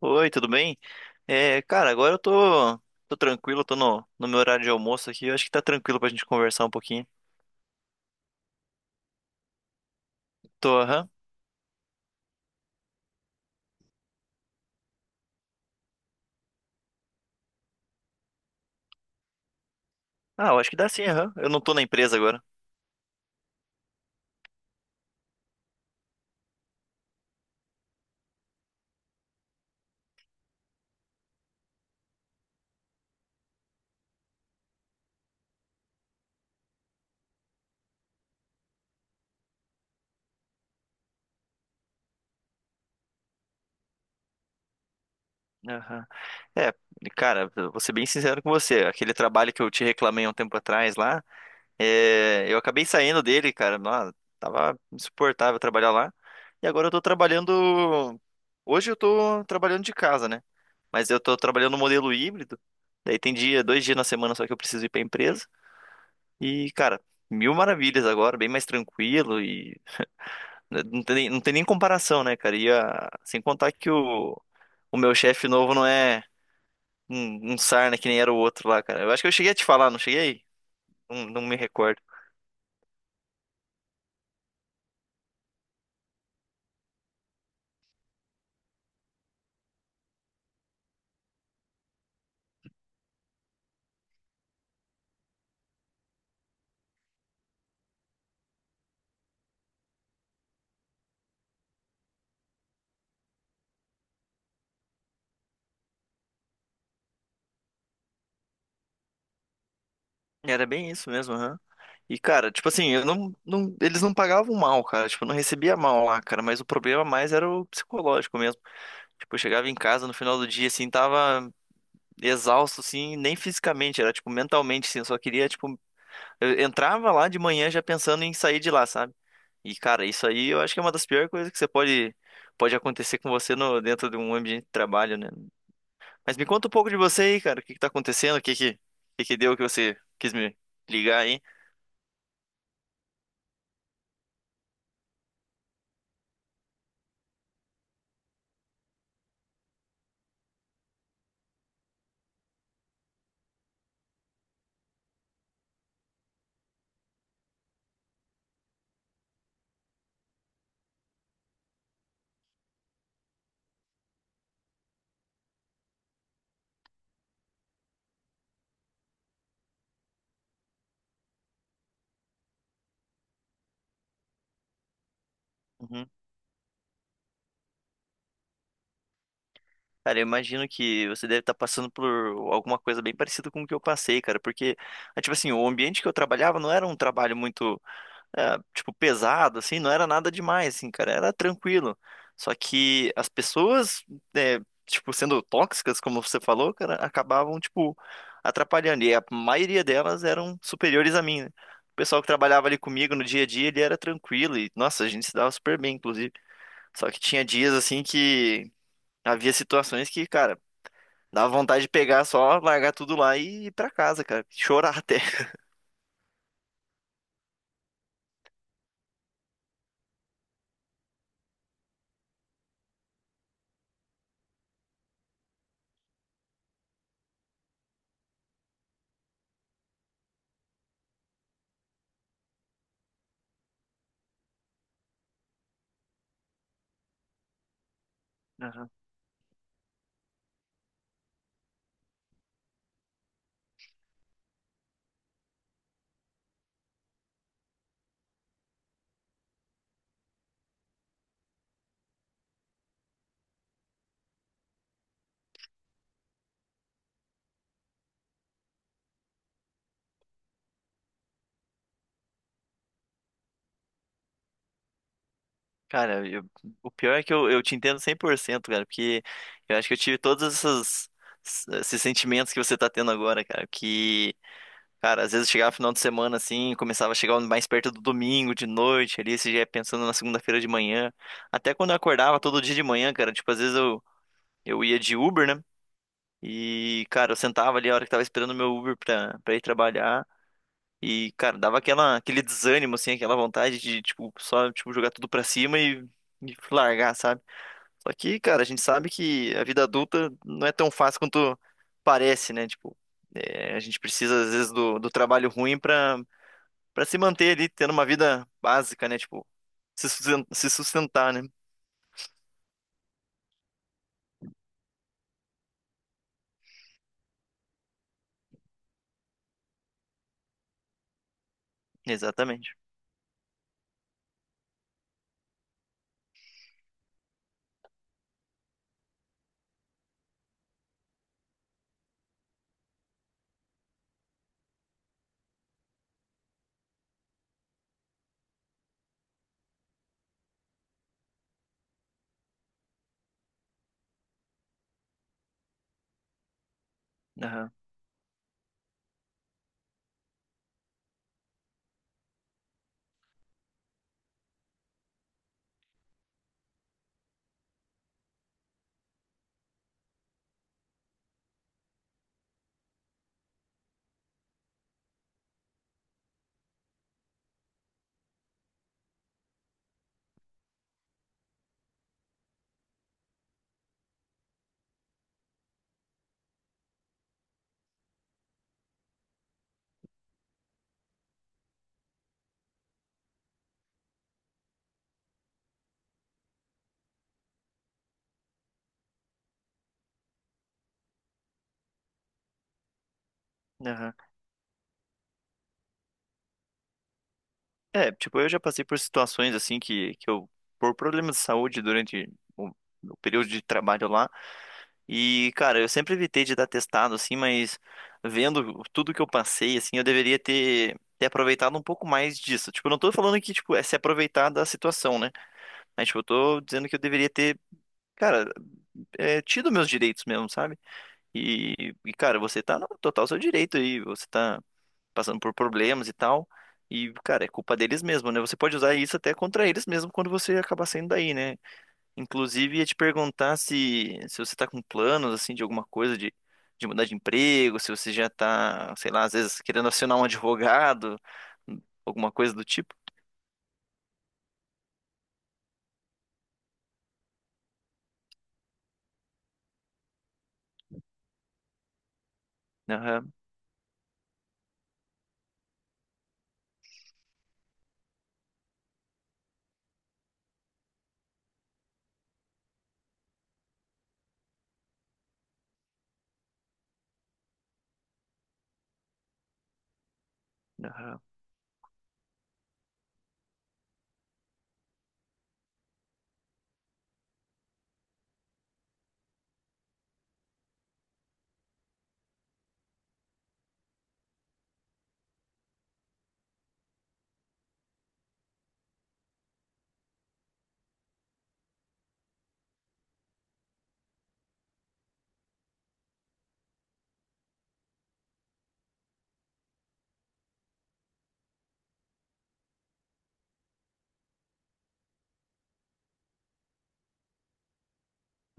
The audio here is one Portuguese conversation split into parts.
Oi, tudo bem? É, cara, agora eu tô tranquilo, tô no meu horário de almoço aqui. Eu acho que tá tranquilo pra gente conversar um pouquinho. Tô, aham. Ah, eu acho que dá sim, aham. Eu não tô na empresa agora. Aham. É, cara, eu vou ser bem sincero com você. Aquele trabalho que eu te reclamei há um tempo atrás lá, eu acabei saindo dele, cara. Nossa, tava insuportável trabalhar lá. E agora eu tô trabalhando. Hoje eu tô trabalhando de casa, né? Mas eu tô trabalhando no modelo híbrido. Daí tem dia, dois dias na semana só que eu preciso ir pra empresa. E, cara, mil maravilhas agora, bem mais tranquilo e né, não tem nem comparação, né, cara? Sem contar que o meu chefe novo não é um sarna que nem era o outro lá, cara. Eu acho que eu cheguei a te falar, não cheguei? Não, não me recordo. Era bem isso mesmo, aham. E, cara, tipo assim, eu não, não- eles não pagavam mal, cara. Tipo, eu não recebia mal lá, cara. Mas o problema mais era o psicológico mesmo. Tipo, eu chegava em casa no final do dia, assim, tava exausto, assim, nem fisicamente, era, tipo, mentalmente, assim. Eu só queria, tipo, eu entrava lá de manhã já pensando em sair de lá, sabe? E, cara, isso aí eu acho que é uma das piores coisas que você pode acontecer com você no, dentro de um ambiente de trabalho, né? Mas me conta um pouco de você aí, cara. O que que tá acontecendo? O que que deu que você quis me ligar aí? Uhum. Cara, eu imagino que você deve estar passando por alguma coisa bem parecida com o que eu passei, cara. Porque, ah, tipo assim, o ambiente que eu trabalhava não era um trabalho muito, é, tipo, pesado, assim, não era nada demais, assim, cara, era tranquilo. Só que as pessoas, é, tipo, sendo tóxicas, como você falou, cara, acabavam, tipo, atrapalhando. E a maioria delas eram superiores a mim, né? O pessoal que trabalhava ali comigo no dia a dia, ele era tranquilo e, nossa, a gente se dava super bem, inclusive. Só que tinha dias, assim, que havia situações que, cara, dava vontade de pegar só, largar tudo lá e ir pra casa, cara, chorar até. Cara, o pior é que eu te entendo 100% cara, porque eu acho que eu tive esses sentimentos que você tá tendo agora, cara, que, cara, às vezes chegava final de semana, assim, começava a chegar mais perto do domingo, de noite, ali, você já ia pensando na segunda-feira de manhã, até quando eu acordava todo dia de manhã, cara, tipo, às vezes eu ia de Uber, né, e, cara, eu sentava ali a hora que tava esperando o meu Uber pra ir trabalhar, e, cara, dava aquela, aquele desânimo, assim, aquela vontade de, tipo, só, tipo, jogar tudo pra cima e largar, sabe? Só que, cara, a gente sabe que a vida adulta não é tão fácil quanto parece, né? Tipo, é, a gente precisa, às vezes, do trabalho ruim pra se manter ali, tendo uma vida básica, né? Tipo, se sustentar, né? Exatamente. Aham, aham. É, tipo, eu já passei por situações assim que eu, por problemas de saúde durante o, o período de trabalho lá, e, cara, eu sempre evitei de dar testado, assim, mas vendo tudo que eu passei, assim, eu deveria ter aproveitado um pouco mais disso. Tipo, eu não tô falando que, tipo, é se aproveitar da situação, né? Mas, tipo, eu tô dizendo que eu deveria ter, cara, é, tido meus direitos mesmo, sabe? E, cara, você tá no total seu direito aí, você tá passando por problemas e tal. E, cara, é culpa deles mesmo, né? Você pode usar isso até contra eles mesmo quando você acabar saindo daí, né? Inclusive, ia te perguntar se você tá com planos, assim, de alguma coisa de mudar de emprego, se você já tá, sei lá, às vezes querendo acionar um advogado, alguma coisa do tipo. Aham, aham,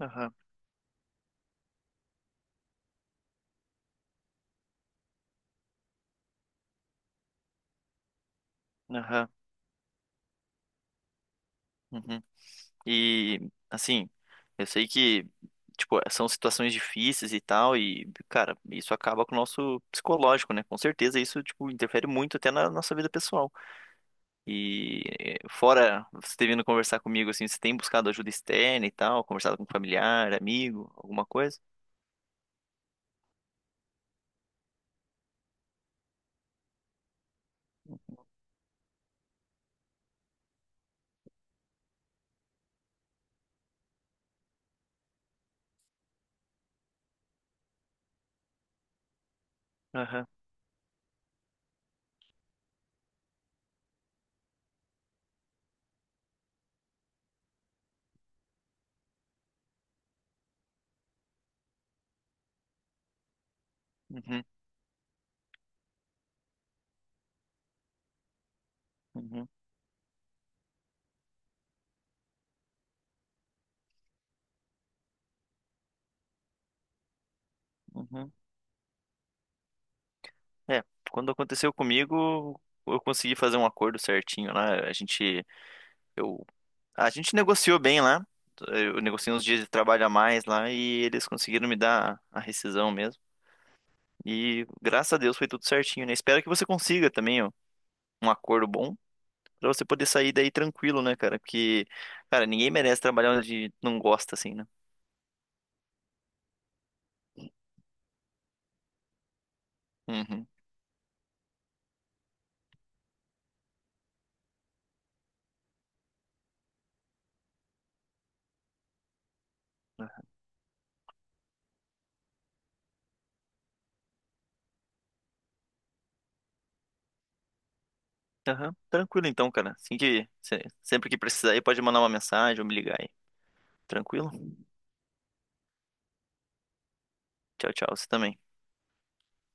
aham, aham. Uhum. E, assim, eu sei que, tipo, são situações difíceis e tal, e, cara, isso acaba com o nosso psicológico, né? Com certeza isso, tipo, interfere muito até na nossa vida pessoal. E, fora você ter vindo conversar comigo, assim, você tem buscado ajuda externa e tal, conversado com familiar, amigo, alguma coisa? Aham. Uhum. Uhum. Uhum. É, quando aconteceu comigo, eu consegui fazer um acordo certinho lá. Eu A gente negociou bem lá. Eu negociei uns dias de trabalho a mais lá e eles conseguiram me dar a rescisão mesmo. E graças a Deus foi tudo certinho, né? Espero que você consiga também, ó, um acordo bom pra você poder sair daí tranquilo, né, cara? Porque, cara, ninguém merece trabalhar onde não gosta, assim, né? Uhum. Aham. Tranquilo então, cara. Assim que se- sempre que precisar aí, pode mandar uma mensagem ou me ligar aí. Tranquilo? Tchau, tchau. Você também.